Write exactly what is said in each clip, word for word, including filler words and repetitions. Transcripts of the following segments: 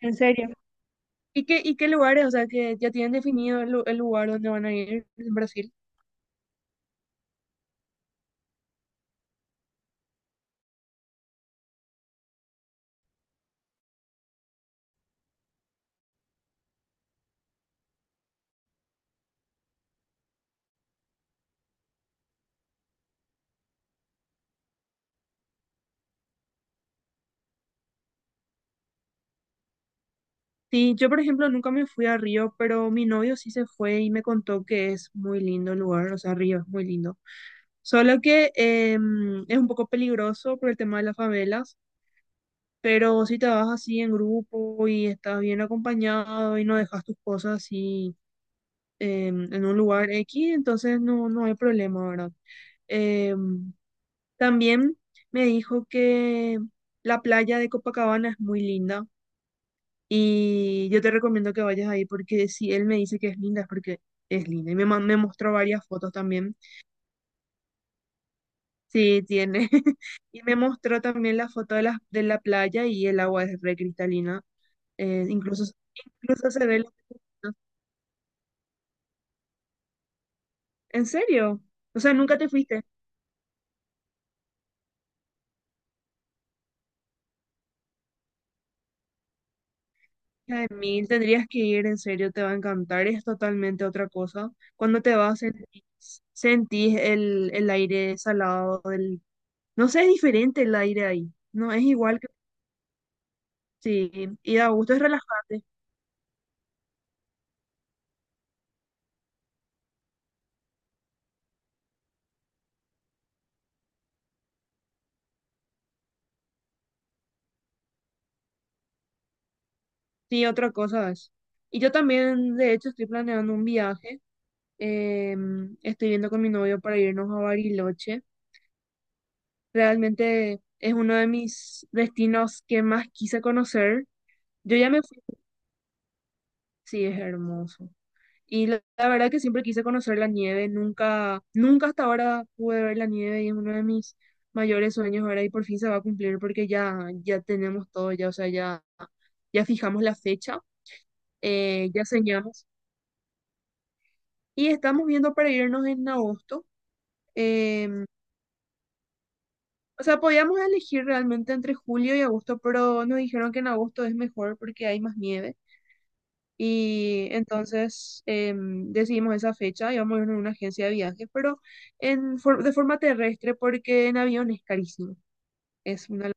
En serio. ¿Y qué, y qué lugares? O sea, ¿que ya tienen definido el, lu- el lugar donde van a ir en Brasil? Sí, yo por ejemplo nunca me fui a Río, pero mi novio sí se fue y me contó que es muy lindo el lugar, o sea, Río es muy lindo. Solo que em, es un poco peligroso por el tema de las favelas, pero si te vas así en grupo y estás bien acompañado y no dejas tus cosas así, em, en un lugar X, entonces no, no hay problema, ¿verdad? Em, También me dijo que la playa de Copacabana es muy linda y yo te recomiendo que vayas ahí, porque si él me dice que es linda es porque es linda. Y me, ma- me mostró varias fotos también. Sí, tiene. Y me mostró también la foto de la, de la playa y el agua es re cristalina. Eh, incluso, incluso se ve los pececitos. ¿En serio? O sea, nunca te fuiste. Jaimil, tendrías que ir, en serio, te va a encantar, es totalmente otra cosa. Cuando te vas, sentís, sentís el, el aire salado del... No sé, es diferente el aire ahí, no es igual que... Sí, y da gusto, es relajante, sí, otra cosa es. Y yo también, de hecho, estoy planeando un viaje. Em, estoy viendo con mi novio para irnos a Bariloche. Realmente es uno de mis destinos que más quise conocer. Yo ya me fui, sí, es hermoso. Y la, la verdad que siempre quise conocer la nieve, nunca, nunca hasta ahora pude ver la nieve, y es uno de mis mayores sueños ahora y por fin se va a cumplir porque ya, ya tenemos todo, ya, o sea, ya, ya fijamos la fecha, eh, ya señamos y estamos viendo para irnos en agosto. em, o sea, podíamos elegir realmente entre julio y agosto, pero nos dijeron que en agosto es mejor porque hay más nieve. Y entonces em, decidimos esa fecha. Íbamos a ir a una agencia de viajes, pero en, for- de forma terrestre, porque en avión es carísimo. Es una...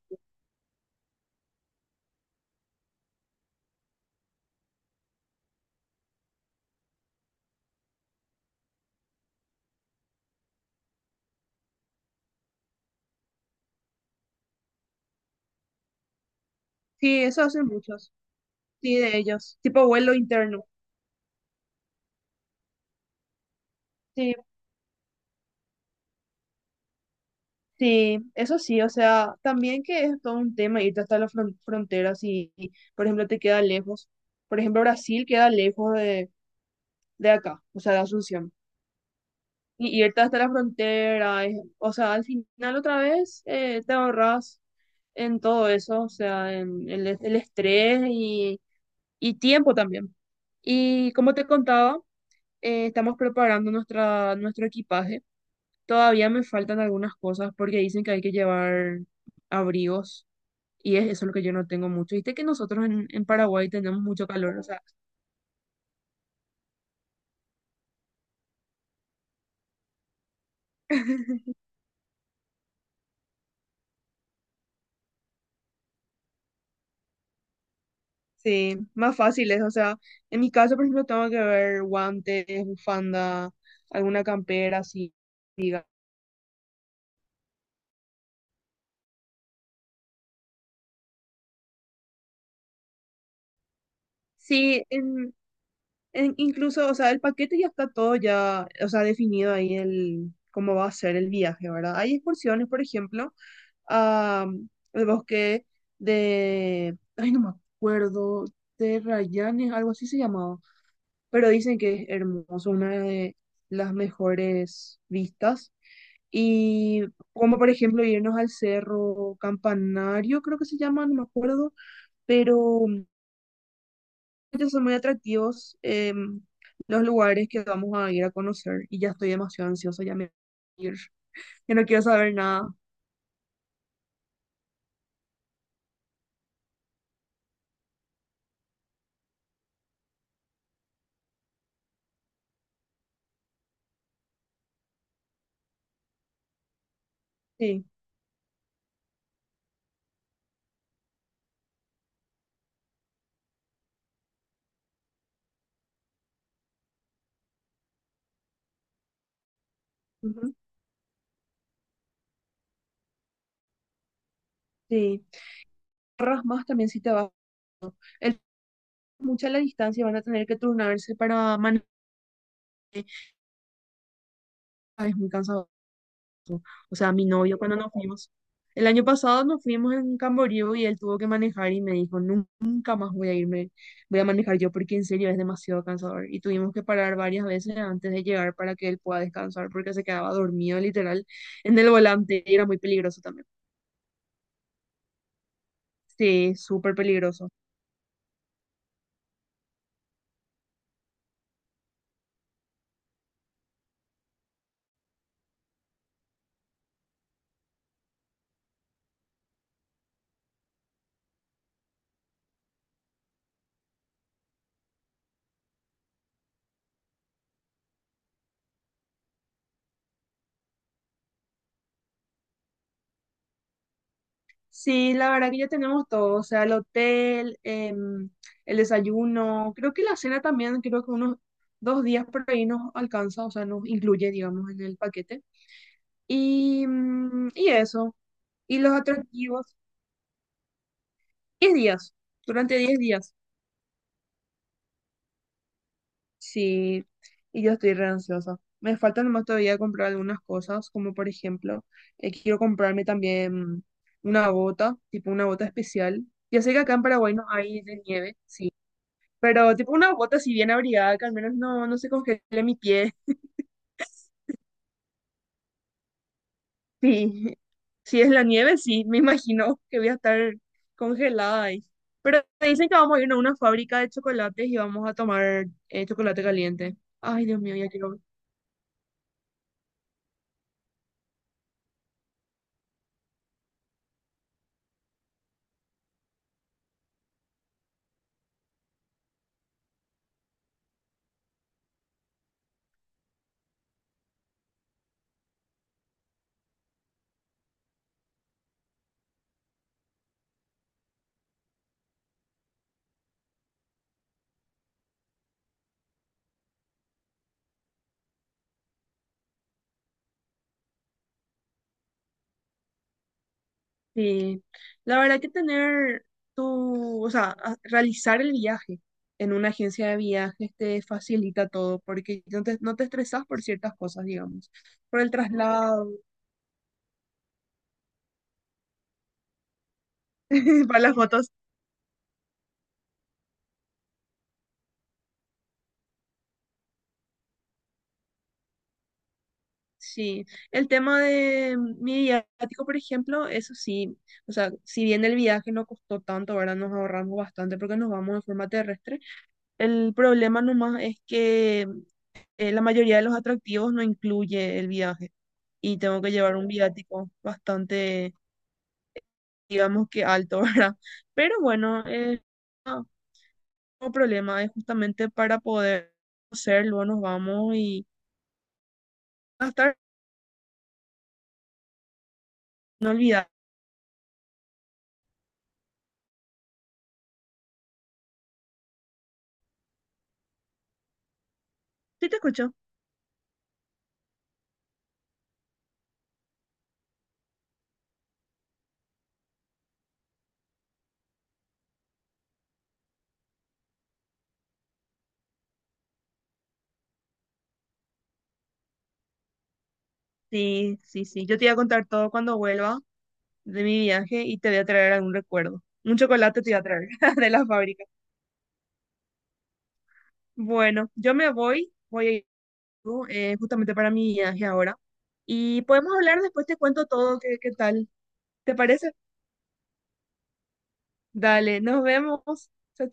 Sí, eso hacen muchos, sí, de ellos, tipo vuelo interno. Sí, sí, eso sí, o sea, también que es todo un tema irte hasta las fron- fronteras y, y, por ejemplo, te queda lejos. Por ejemplo, Brasil queda lejos de, de acá, o sea, de Asunción. Y irte hasta la frontera, es- o sea, al final otra vez eh, te ahorras en todo eso, o sea, en el, el estrés y, y tiempo también. Y como te contaba, eh, estamos preparando nuestra, nuestro equipaje. Todavía me faltan algunas cosas porque dicen que hay que llevar abrigos y es eso lo que yo no tengo mucho. Viste que nosotros en, en Paraguay tenemos mucho calor, o sea, sí, más fácil es, o sea, en mi caso, por ejemplo, tengo que ver guantes, bufanda, alguna campera, así. Diga. Sí, en- incluso, o sea, el paquete ya está todo ya, o sea, definido ahí el cómo va a ser el viaje, ¿verdad? Hay excursiones, por ejemplo, a mm, el bosque de, ay, no me acuerdo, de Rayanes, algo así se llamaba, pero dicen que es hermoso, una de las mejores vistas. Y como por ejemplo irnos al cerro Campanario, creo que se llama, no me acuerdo, pero mm, son muy atractivos eh, los lugares que vamos a ir a conocer, y ya estoy demasiado ansiosa, ya me quiero ir. Ya no quiero saber nada. Sí, ujú, sí. Ahorras más también si te vas. El, mucha la distancia, van a tener que turnarse para manejar. Ay, es muy cansado. O sea, mi novio cuando nos fuimos, el año pasado nos fuimos en Camboriú y él tuvo que manejar y me dijo, "Nu- nunca más voy a irme, voy a manejar yo, porque en serio es demasiado cansador". Y tuvimos que parar varias veces antes de llegar para que él pueda descansar porque se quedaba dormido literal en el volante y era muy peligroso también. Sí, súper peligroso. Sí, la verdad que ya tenemos todo, o sea, el hotel, em, el desayuno, creo que la cena también, creo que unos dos días por ahí nos alcanza, o sea, nos incluye, digamos, en el paquete. Y, mm, y eso. Y los atractivos. Diez días. Durante diez días. Sí. Y yo estoy re ansiosa. Me falta nomás todavía comprar algunas cosas, como por ejemplo, eh, quiero comprarme también una bota, tipo una bota especial. Ya sé que acá en Paraguay no hay de nieve, sí. Pero tipo una bota así bien abrigada, que al menos no, no se congele mi pie. Sí. Si es la nieve, sí, me imagino que voy a estar congelada ahí. Pero me dicen que vamos a ir a una fábrica de chocolates y vamos a tomar eh, chocolate caliente. Ay, Dios mío, ya quiero. Sí, la verdad que tener tu, o sea, a- realizar el viaje en una agencia de viajes te facilita todo, porque no te, no te estresas por ciertas cosas, digamos, por el traslado, para las fotos. Sí, el tema de mi viático, por ejemplo, eso sí, o sea, si bien el viaje no costó tanto, ahora nos ahorramos bastante porque nos vamos de forma terrestre. El problema nomás es que eh, la mayoría de los atractivos no incluye el viaje, y tengo que llevar un viático bastante, digamos que alto, ¿verdad? Pero bueno, eh, no, no problema, es justamente para poder hacerlo, nos vamos y gastar, no olvidar. Sí, te escucho. Sí, sí, sí. Yo te voy a contar todo cuando vuelva de mi viaje y te voy a traer algún recuerdo. Un chocolate te voy a traer de la fábrica. Bueno, yo me voy, voy a ir eh, justamente para mi viaje ahora. Y podemos hablar después, te cuento todo, qué, qué tal. ¿Te parece? Dale, nos vemos. Chao,